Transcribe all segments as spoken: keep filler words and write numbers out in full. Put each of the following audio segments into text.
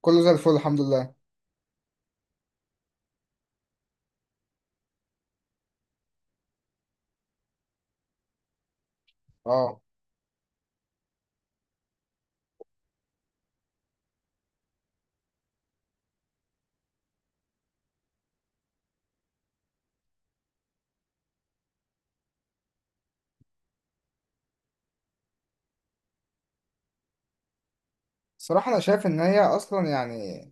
كله زي الفل، الحمد لله. اه. صراحة انا شايف ان هي اصلا يعني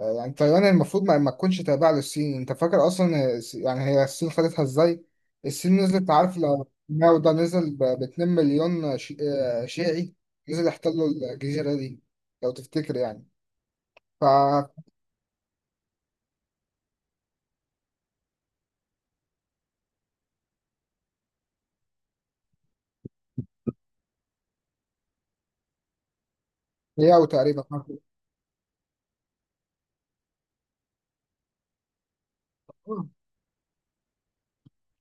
آه، يعني تايوان المفروض ما, ما تكونش تابعة للصين. انت فاكر اصلا الس- يعني هي الصين خدتها ازاي؟ الصين نزلت، عارف، لو ماو ده نزل ب 2 مليون ش- آه، شيعي، نزل، احتلوا الجزيرة دي لو تفتكر يعني. فهي وتقريبا آه،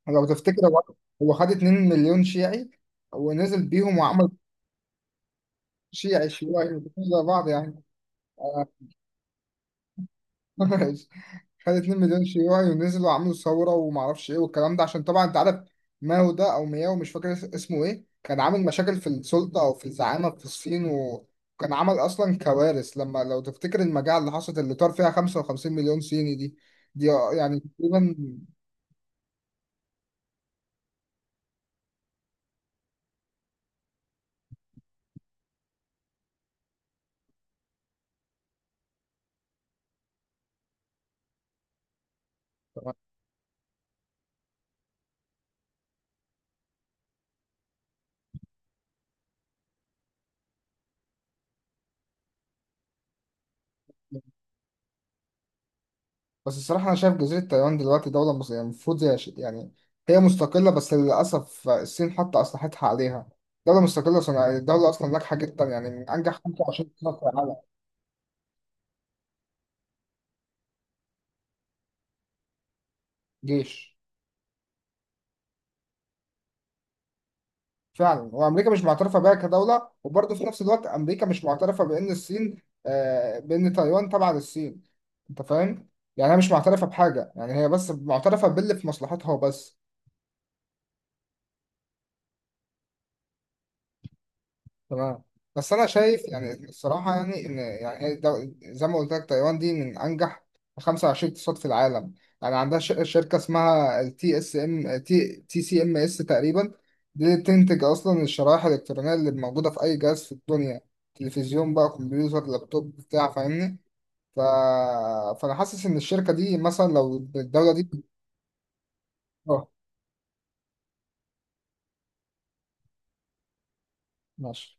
لو تفتكر هو هو خد 2 مليون شيعي ونزل بيهم وعمل شيعي شيوعي وكل ده بعض يعني. خد 2 مليون شيوعي ونزلوا وعملوا ثوره وما اعرفش ايه والكلام ده، عشان طبعا انت عارف ماو ده او مياو، مش فاكر اس- اسمه ايه، كان عامل مشاكل في السلطه او في الزعامه في الصين، وكان عمل اصلا كوارث. لما لو تفتكر المجاعه اللي حصلت اللي طار فيها 55 مليون صيني دي. دي آه، يعني تقريبا. بس الصراحة أنا شايف جزيرة تايوان دلوقتي دولة مس- يعني المفروض هي ش- يعني هي مستقلة، بس للأسف الصين حاطة أسلحتها عليها. دولة مستقلة صناعية، الدولة أصلا ناجحة جدا، يعني من أنجح 25 سنة في العالم. جيش. فعلا، وامريكا مش معترفه بها كدوله، وبرضه في نفس الوقت امريكا مش معترفه بان الصين آه، بان تايوان تبع للصين. انت فاهم؟ يعني هي مش معترفه بحاجه، يعني هي بس معترفه باللي في مصلحتها وبس. تمام. بس انا شايف يعني الصراحه يعني ان يعني هي دو- زي ما قلت لك، تايوان دي من انجح 25 اقتصاد في العالم. يعني عندها ش- شركه اسمها التي اس ام تي تي سي ام اس تقريبا. دي اللي بتنتج اصلا الشرائح الالكترونيه اللي موجوده في اي جهاز في الدنيا، تلفزيون بقى، كمبيوتر، لابتوب، بتاع، فاهمني؟ ف... فانا حاسس ان الشركه دي مثلا لو الدوله دي. اه. ماشي.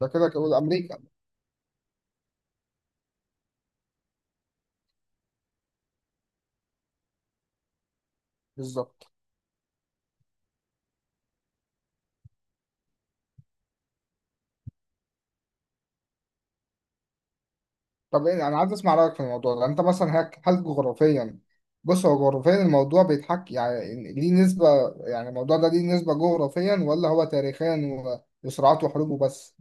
ده كده كده امريكا. بالظبط. طب إيه- انا عايز اسمع رايك في الموضوع ده. انت مثلا هك- هل جغرافيا، بص، هو جغرافيا الموضوع بيتحكي يعني ليه نسبه؟ يعني الموضوع ده ليه نسبه جغرافيا، ولا هو تاريخيا و- وصراعات وحروب وبس؟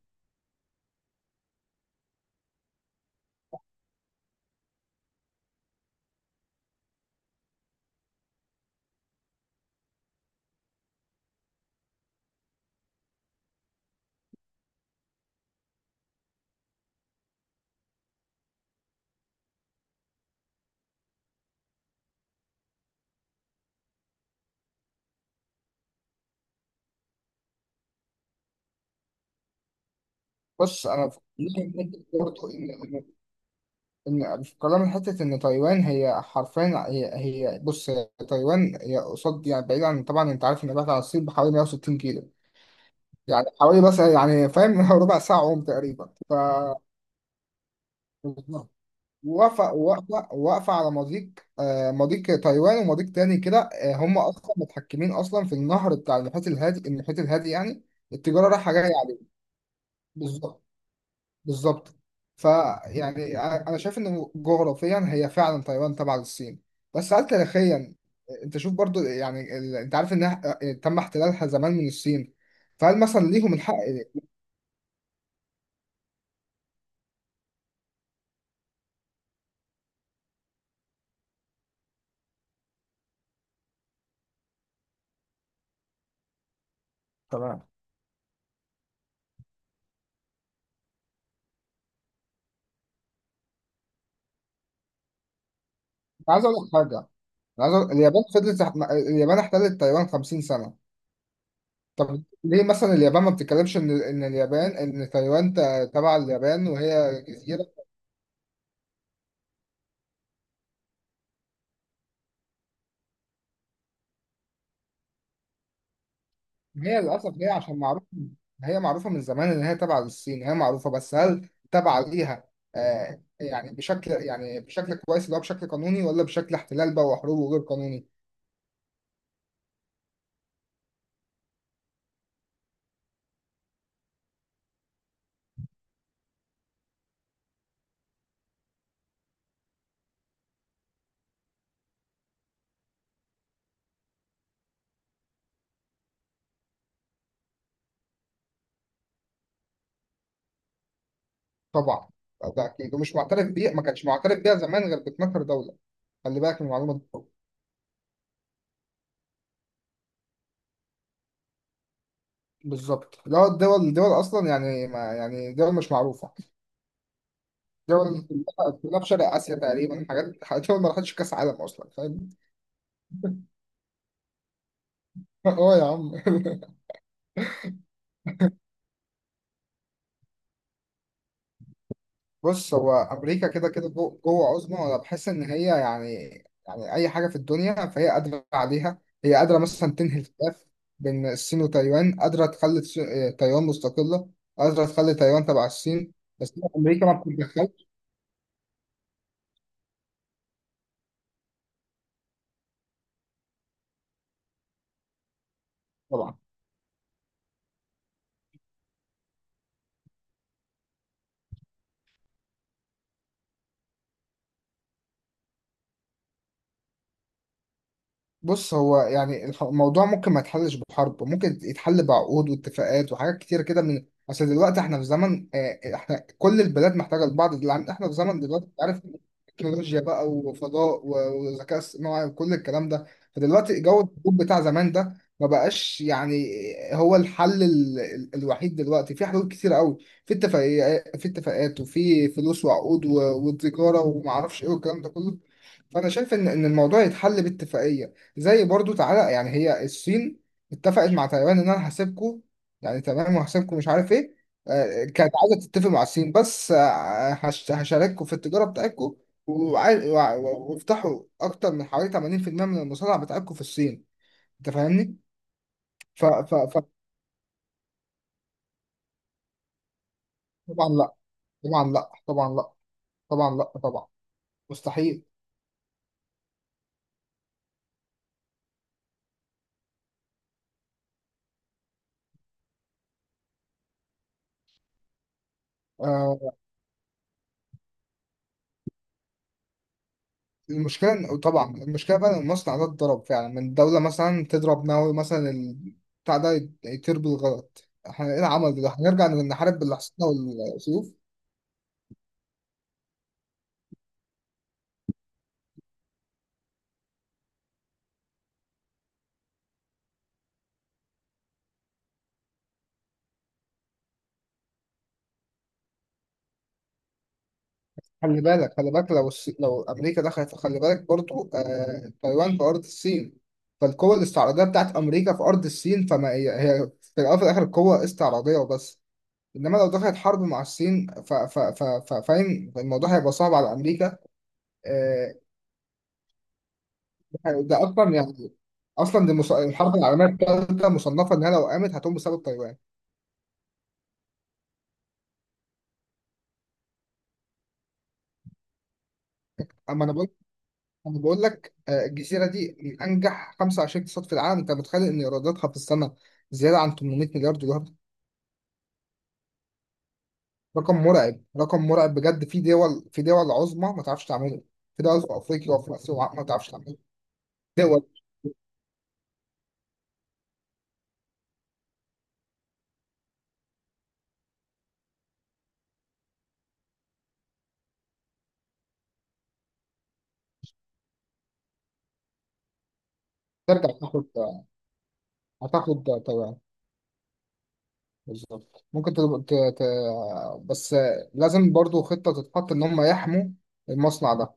بص انا في برضه ان ان إن في كلام حته ان تايوان هي حرفيا هي هي بص، هي تايوان هي قصاد، يعني بعيد عن، طبعا انت عارف ان بعيد عن الصين بحوالي 160 كيلو، يعني حوالي بس يعني فاهم. ربع ساعه عوم تقريبا. ف واقفة واقفة واقفة على مضيق، آه، مضيق تايوان ومضيق تاني كده. آه، هم أصلا متحكمين أصلا في النهر بتاع المحيط الهادي. المحيط الهادي يعني التجارة رايحة جاية عليه. بالظبط. بالظبط. فيعني أنا أنا شايف إن جغرافيا هي فعلا تايوان تبع للصين. بس هل تاريخيا؟ آه، أنت شوف برضو يعني ال- أنت عارف إنها آه، تم احتلالها زمان من الصين، فهل مثلا ليهم الحق؟ تمام. أنا عايز أقول لك حاجة. أنا عايز أقول... اليابان فضلت، اليابان احتلت تايوان 50 سنة. طب ليه مثلا اليابان ما بتتكلمش ان ان اليابان، ان تايوان ت- تبع اليابان وهي جزيره؟ ما هي للاسف هي عشان معروفه، هي معروفه من زمان ان هي تبع للصين. هي معروفه، بس هل تبع ليها آه يعني بشكل يعني بشكل كويس، اللي هو بشكل قانوني، ولا بشكل احتلال بقى وحروب وغير قانوني؟ طبعا. ده اكيد، ومش معترف بيها، ما كانش معترف بيها زمان غير ب 12 دوله. خلي بالك من المعلومه دي. بالظبط. لا، الدول الدول اصلا يعني ما يعني، دول مش معروفه، دول كلها كلها في شرق اسيا تقريبا، حاجات حاجات دول ما راحتش كاس عالم اصلا، فاهم؟ اه يا عم. بص، هو امريكا كده كده جو- جوه عظمى، وانا بحس ان هي يعني، يعني اي حاجه في الدنيا فهي قادره عليها. هي قادره مثلا تنهي الخلاف بين الصين وتايوان، قادره تخلي الص- آه، تايوان مستقله، قادره تخلي تايوان تبع الصين، بس هي امريكا ما بتتدخلش. طبعا. بص، هو يعني الح- الموضوع ممكن ما يتحلش بحرب، ممكن يتحل بعقود واتفاقات وحاجات كتير كده. من اصل دلوقتي احنا في زمن، آه، احنا كل البلاد محتاجه لبعض، دلوقتي احنا في زمن دلوقتي، أنت عارف، تكنولوجيا بقى، وفضاء و- وذكاء اصطناعي، وكل الكلام ده. فدلوقتي جو الحروب بتاع زمان ده ما بقاش يعني هو الحل. ال... ال- الوحيد دلوقتي في حلول كتير قوي، في اتفاقيات، في اتفاقات، وفي فلوس وعقود و... وتجاره وما اعرفش ايه والكلام ده كله. فانا شايف ان ان الموضوع يتحل باتفاقيه. زي برضو، تعالى يعني هي الصين اتفقت مع تايوان ان انا هسيبكم، يعني تمام، وهسيبكم مش عارف ايه. آه، كانت عايزه تتفق مع الصين، بس آه، هش- هشارككم في التجاره بتاعتكم، وعاي- وع- وافتحوا اكتر من حوالي تمانين بالمية من المصانع بتاعتكم في الصين. انت فاهمني؟ ف ف ف طبعا لا، طبعا لا، طبعا لا، طبعا لا، طبعا مستحيل. آه، المشكلة إن- طبعا المشكلة بقى إن المصنع ده اتضرب فعلا من دولة، مثلا تضرب ناوي مثلا ال- بتاع ده يت- يطير بالغلط. احنا ايه العمل ده؟ هنرجع نحارب باللي حصلنا والسيوف؟ خلي بالك، خلي بالك لو الس... لو أمريكا دخلت، خلي بالك برضو آه... تايوان في أرض الصين، فالقوة الاستعراضية بتاعت أمريكا في أرض الصين. فما هي, هي في الأول وفي الآخر قوة استعراضية وبس. إنما لو دخلت حرب مع الصين ف... ف... ف... ف... فاهم، الموضوع هيبقى صعب على أمريكا. آه، ده اصلا يعني، اصلا دي مص... الحرب العالميه الثالثه مصنفه انها لو قامت هتقوم بسبب تايوان. اما انا بقول، انا بقول لك، آه، الجزيره دي من انجح 25 اقتصاد في العالم. انت متخيل ان ايراداتها في السنه زياده عن 800 مليار دولار؟ رقم مرعب، رقم مرعب بجد. في دول في دول عظمى ما تعرفش تعمله، في دول في افريقيا وفي اسيا وع- ما تعرفش تعمله، دول ترجع تاخد، هتاخد تايوان. بالظبط، ممكن ت... ت... ت... بس آه، لازم برضو خطه تتحط ان هم يحموا المصنع ده.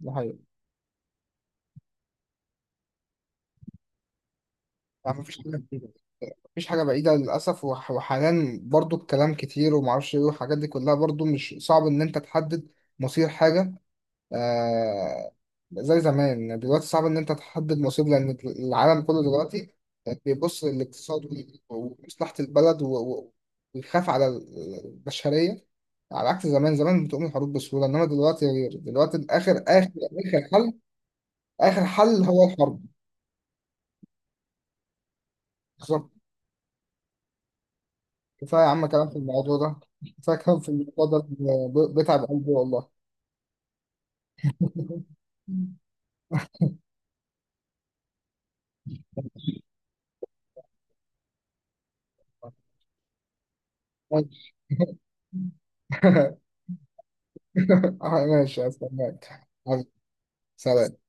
ده حقيقي. يعني مفيش حاجة بعيدة، مفيش حاجة بعيدة للأسف، وح- وحاليا برضو الكلام كتير ومعرفش إيه، والحاجات دي كلها برضو مش صعب إن أنت تحدد مصير حاجة. آه. زي زمان دلوقتي صعب إن أنت تحدد مصير، لأن العالم كله دلوقتي بيبص للاقتصاد و- ومصلحة البلد و- و- ويخاف على البشرية، على عكس زمان. زمان بتقوم الحروب بسهولة، إنما دلوقتي، دلوقتي آخر آخر آخر حل، آخر حل هو الحرب. كفاية يا عم كلام في الموضوع ده، كفاية كلام في الموضوع ده، ب- بيتعب قلبي والله. ماشي. آه، ماشي، استناك حبيبي، سلام.